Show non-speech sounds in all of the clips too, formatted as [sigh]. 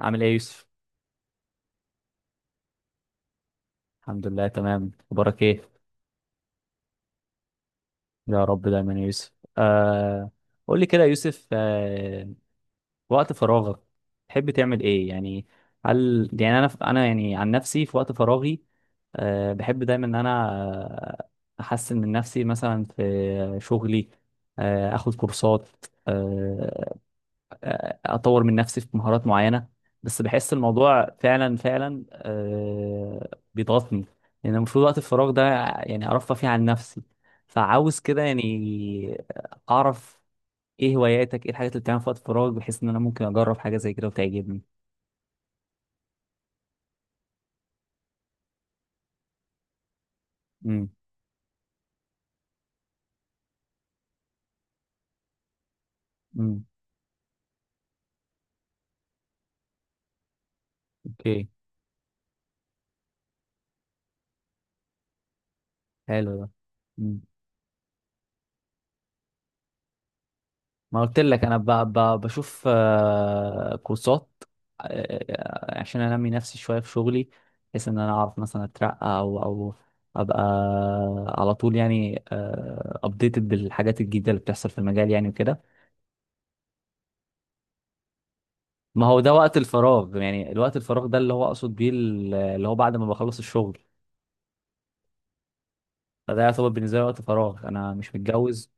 عامل ايه يا يوسف؟ الحمد لله، تمام. اخبارك ايه؟ يا رب دايما يا يوسف. آه قول لي كده يا يوسف، وقت فراغك تحب تعمل ايه يعني؟ هل يعني انا يعني عن نفسي في وقت فراغي، بحب دايما ان انا احسن من نفسي مثلا في شغلي، اخد كورسات، آه، اطور من نفسي في مهارات معينه. بس بحس الموضوع فعلا فعلا بيضغطني، لان المفروض وقت الفراغ ده يعني ارفه فيه عن نفسي، فعاوز كده يعني اعرف ايه هواياتك، ايه الحاجات اللي بتعملها في وقت الفراغ بحيث ان انا ممكن اجرب حاجه زي كده وتعجبني. امم، امم، اوكي، حلو ده. ما قلت لك انا، بشوف كورسات، عشان انمي نفسي شويه في شغلي، بحيث ان انا اعرف مثلا اترقى او ابقى على طول يعني ابديتد بالحاجات الجديده اللي بتحصل في المجال يعني وكده. ما هو ده وقت الفراغ، يعني الوقت الفراغ ده اللي هو اقصد بيه، اللي هو بعد ما بخلص الشغل، فده يعتبر بالنسبه لي وقت فراغ، انا مش متجوز.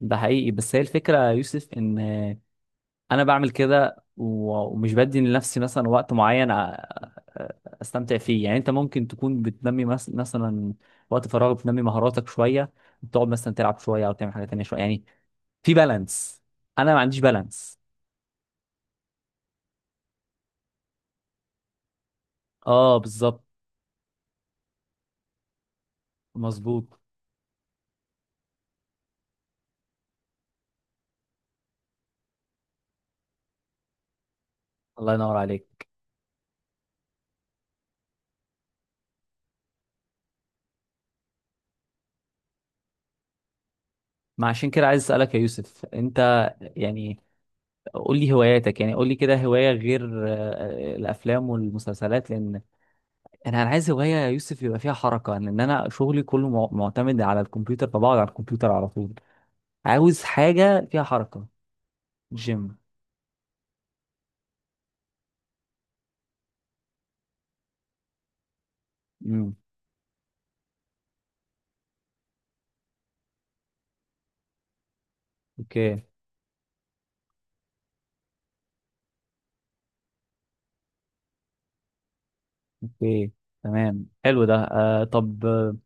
ده حقيقي، بس هي الفكره يا يوسف ان انا بعمل كده، ومش بدي لنفسي مثلا وقت معين أ- استمتع فيه. يعني انت ممكن تكون بتنمي مثلا وقت فراغك بتنمي مهاراتك شويه، بتقعد مثلا تلعب شويه او تعمل حاجه تانية شويه، يعني في بالانس. انا ما عنديش بالانس. اه، بالظبط. مظبوط، الله ينور عليك. ما عشان كده عايز اسالك يا يوسف، انت يعني قول لي هواياتك، يعني قول لي كده هوايه غير الافلام والمسلسلات، لان انا عايز هوايه يا يوسف يبقى فيها حركه، ان إن انا شغلي كله معتمد على الكمبيوتر، فبقعد على الكمبيوتر على طول، عاوز حاجه فيها حركه. جيم. امم. اوكي. اوكي، تمام، حلو ده. طب،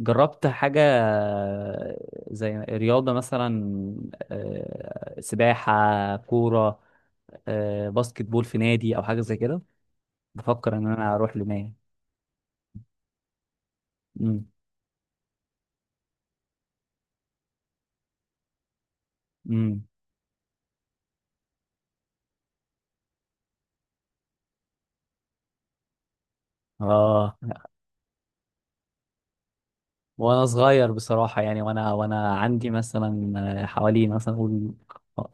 جربت حاجه زي رياضه مثلا، سباحه، كوره، باسكت بول في نادي او حاجه زي كده؟ بفكر ان انا اروح لنادي. امم. امم. اه. وانا صغير بصراحة، يعني وانا عندي مثلا حوالي، مثلا اقول،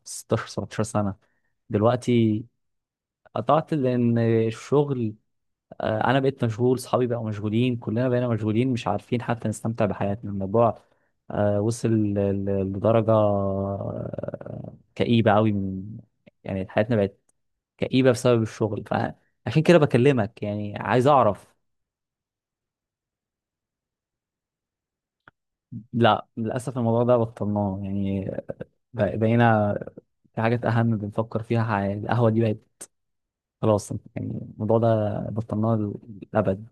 16 17 سنة. دلوقتي قطعت لان الشغل، انا بقيت مشغول، صحابي بقوا مشغولين، كلنا بقينا مشغولين مش عارفين حتى نستمتع بحياتنا. الموضوع وصل لدرجة كئيبة قوي، من، يعني حياتنا بقت كئيبة بسبب الشغل، فعشان كده بكلمك يعني عايز اعرف. لا، للاسف الموضوع ده بطلناه يعني، بقينا في حاجات أهم بنفكر فيها، القهوة دي بقت خلاص يعني، الموضوع ده بطلناه للأبد.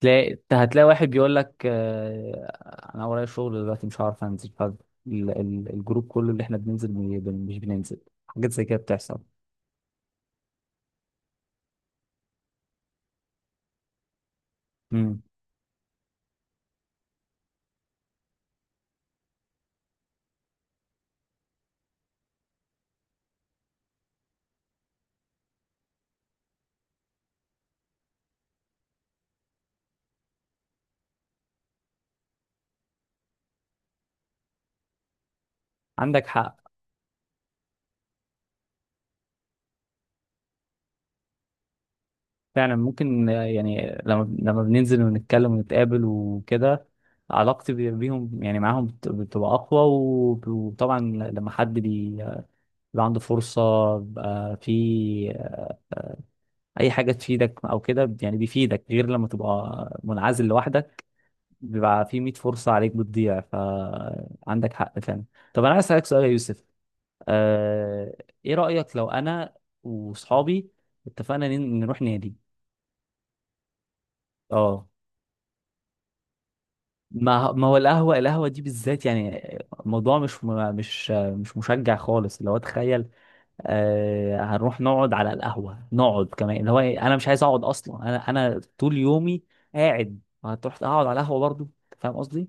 تلاقي أنت، هتلاقي واحد بيقول لك أنا ورايا شغل دلوقتي مش هعرف أنزل، فالجروب كله اللي إحنا بننزل، مش بننزل. حاجات زي كده بتحصل. مم. عندك حق. فعلا ممكن يعني لما بننزل ونتكلم ونتقابل وكده، علاقتي بيهم يعني معاهم بتبقى أقوى، وطبعا لما حد بيبقى عنده فرصة، بيبقى في أي حاجة تفيدك أو كده، يعني بيفيدك غير لما تبقى منعزل لوحدك. بيبقى في 100 فرصة عليك بتضيع، فعندك حق فعلا. طب أنا عايز أسألك سؤال يا يوسف، آه... إيه رأيك لو أنا وصحابي اتفقنا نروح نادي؟ اه. ما هو، القهوة القهوة دي بالذات يعني، الموضوع مش مشجع خالص، اللي هو تخيل، هنروح نقعد على القهوة، نقعد كمان اللي هو إيه، انا مش عايز اقعد اصلا، انا طول يومي قاعد، هتروح اقعد على القهوة برضو؟ أنت فاهم قصدي.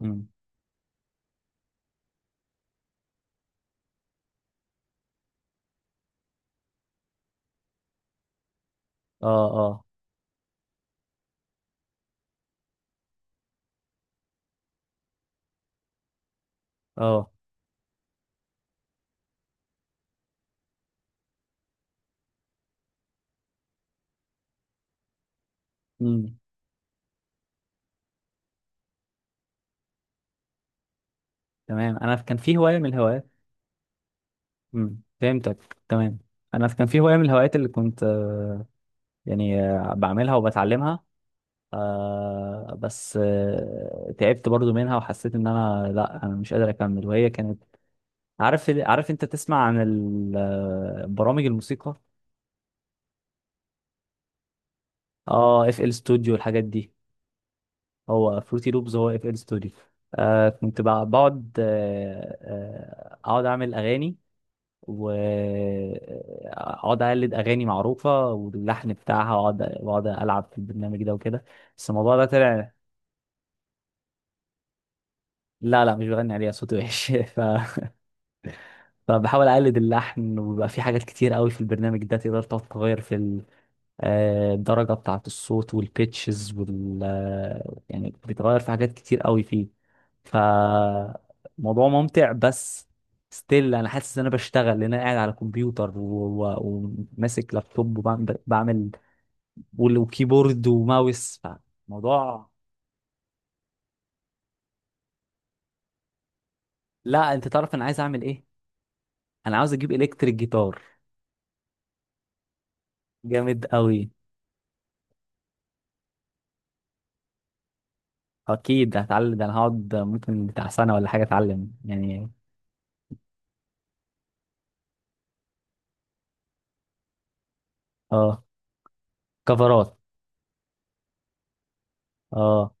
امم. اه. اه. اه. امم. تمام، انا كان في هواية من الهوايات. امم، فهمتك تمام. انا كان في هواية من الهوايات اللي كنت يعني بعملها وبتعلمها، بس تعبت برضو منها، وحسيت ان انا، لا انا مش قادر اكمل. وهي كانت، عارف عارف انت تسمع عن برامج الموسيقى. اه، اف ال ستوديو والحاجات دي. هو فروتي لوبز هو اف ال ستوديو. كنت بقعد، اقعد اعمل اغاني، واقعد اقلد اغاني معروفه واللحن بتاعها، واقعد واقعد العب في البرنامج ده وكده. بس الموضوع ده طلع... لا، لا، مش بغني عليها، صوتي وحش. [laughs] فبحاول اقلد اللحن، وبيبقى في حاجات كتير قوي في البرنامج ده تقدر تقعد تغير في الدرجة بتاعة الصوت والبيتشز، وال يعني بيتغير في حاجات كتير قوي فيه. فموضوع ممتع، بس ستيل انا حاسس ان انا بشتغل، لان انا قاعد على كمبيوتر، وماسك لابتوب، وكيبورد وماوس. فموضوع... لا، انت تعرف انا عايز اعمل ايه؟ انا عاوز اجيب الكتريك جيتار. جامد قوي. اكيد هتعلم، ده انا هقعد ممكن بتاع سنة ولا حاجة اتعلم يعني. اه، كفرات. اه.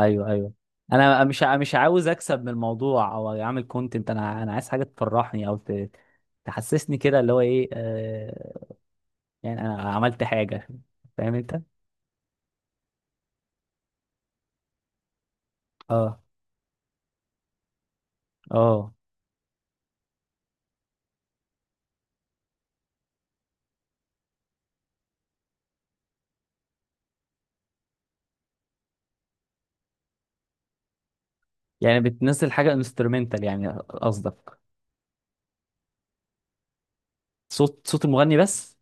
ايوه، ايوه. انا مش عاوز اكسب من الموضوع او اعمل كونتنت، انا عايز حاجه تفرحني او تحسسني كده، اللي هو ايه، يعني انا عملت حاجه، فاهم انت. اه. اه. يعني بتنزل حاجه انسترومنتال يعني قصدك؟ صوت المغني بس؟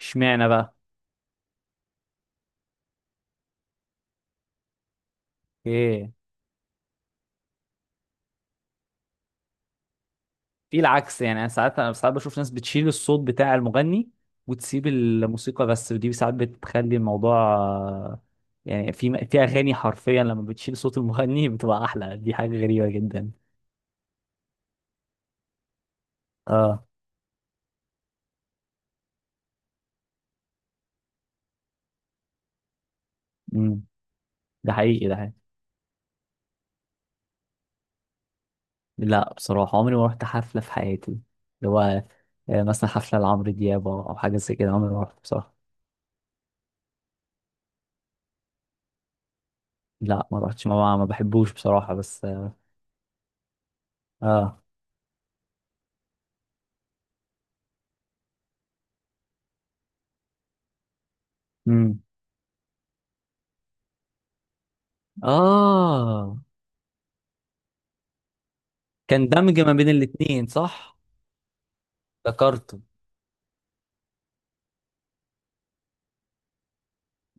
اشمعنى بقى؟ ايه؟ في العكس، يعني انا ساعات بشوف ناس بتشيل الصوت بتاع المغني وتسيب الموسيقى بس، ودي ساعات بتخلي الموضوع يعني، في في اغاني حرفيا لما بتشيل صوت المغني بتبقى احلى، دي حاجه غريبه جدا. اه. امم. ده حقيقي، ده حقيقي. لا بصراحه، عمري ما رحت حفله في حياتي، اللي هو مثلا حفله لعمرو دياب او حاجه زي كده، عمري ما رحت بصراحه. لا، ما رحتش، ما بحبوش بصراحه، بس اه. اه. امم. اه. كان دمج ما بين الاتنين، صح؟ ذكرته.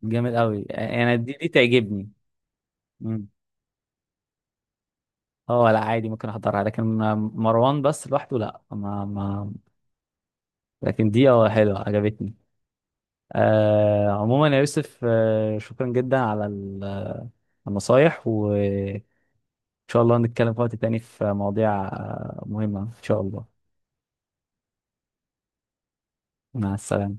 جامد قوي، انا دي تعجبني. مم. اه، لا عادي، ممكن احضرها، لكن مروان بس لوحده لا، ما ما. لكن دي اه حلوه، عجبتني. عموما يا يوسف، شكرا جدا على النصايح، وان شاء الله نتكلم في وقت تاني في مواضيع مهمه ان شاء الله. مع السلامه.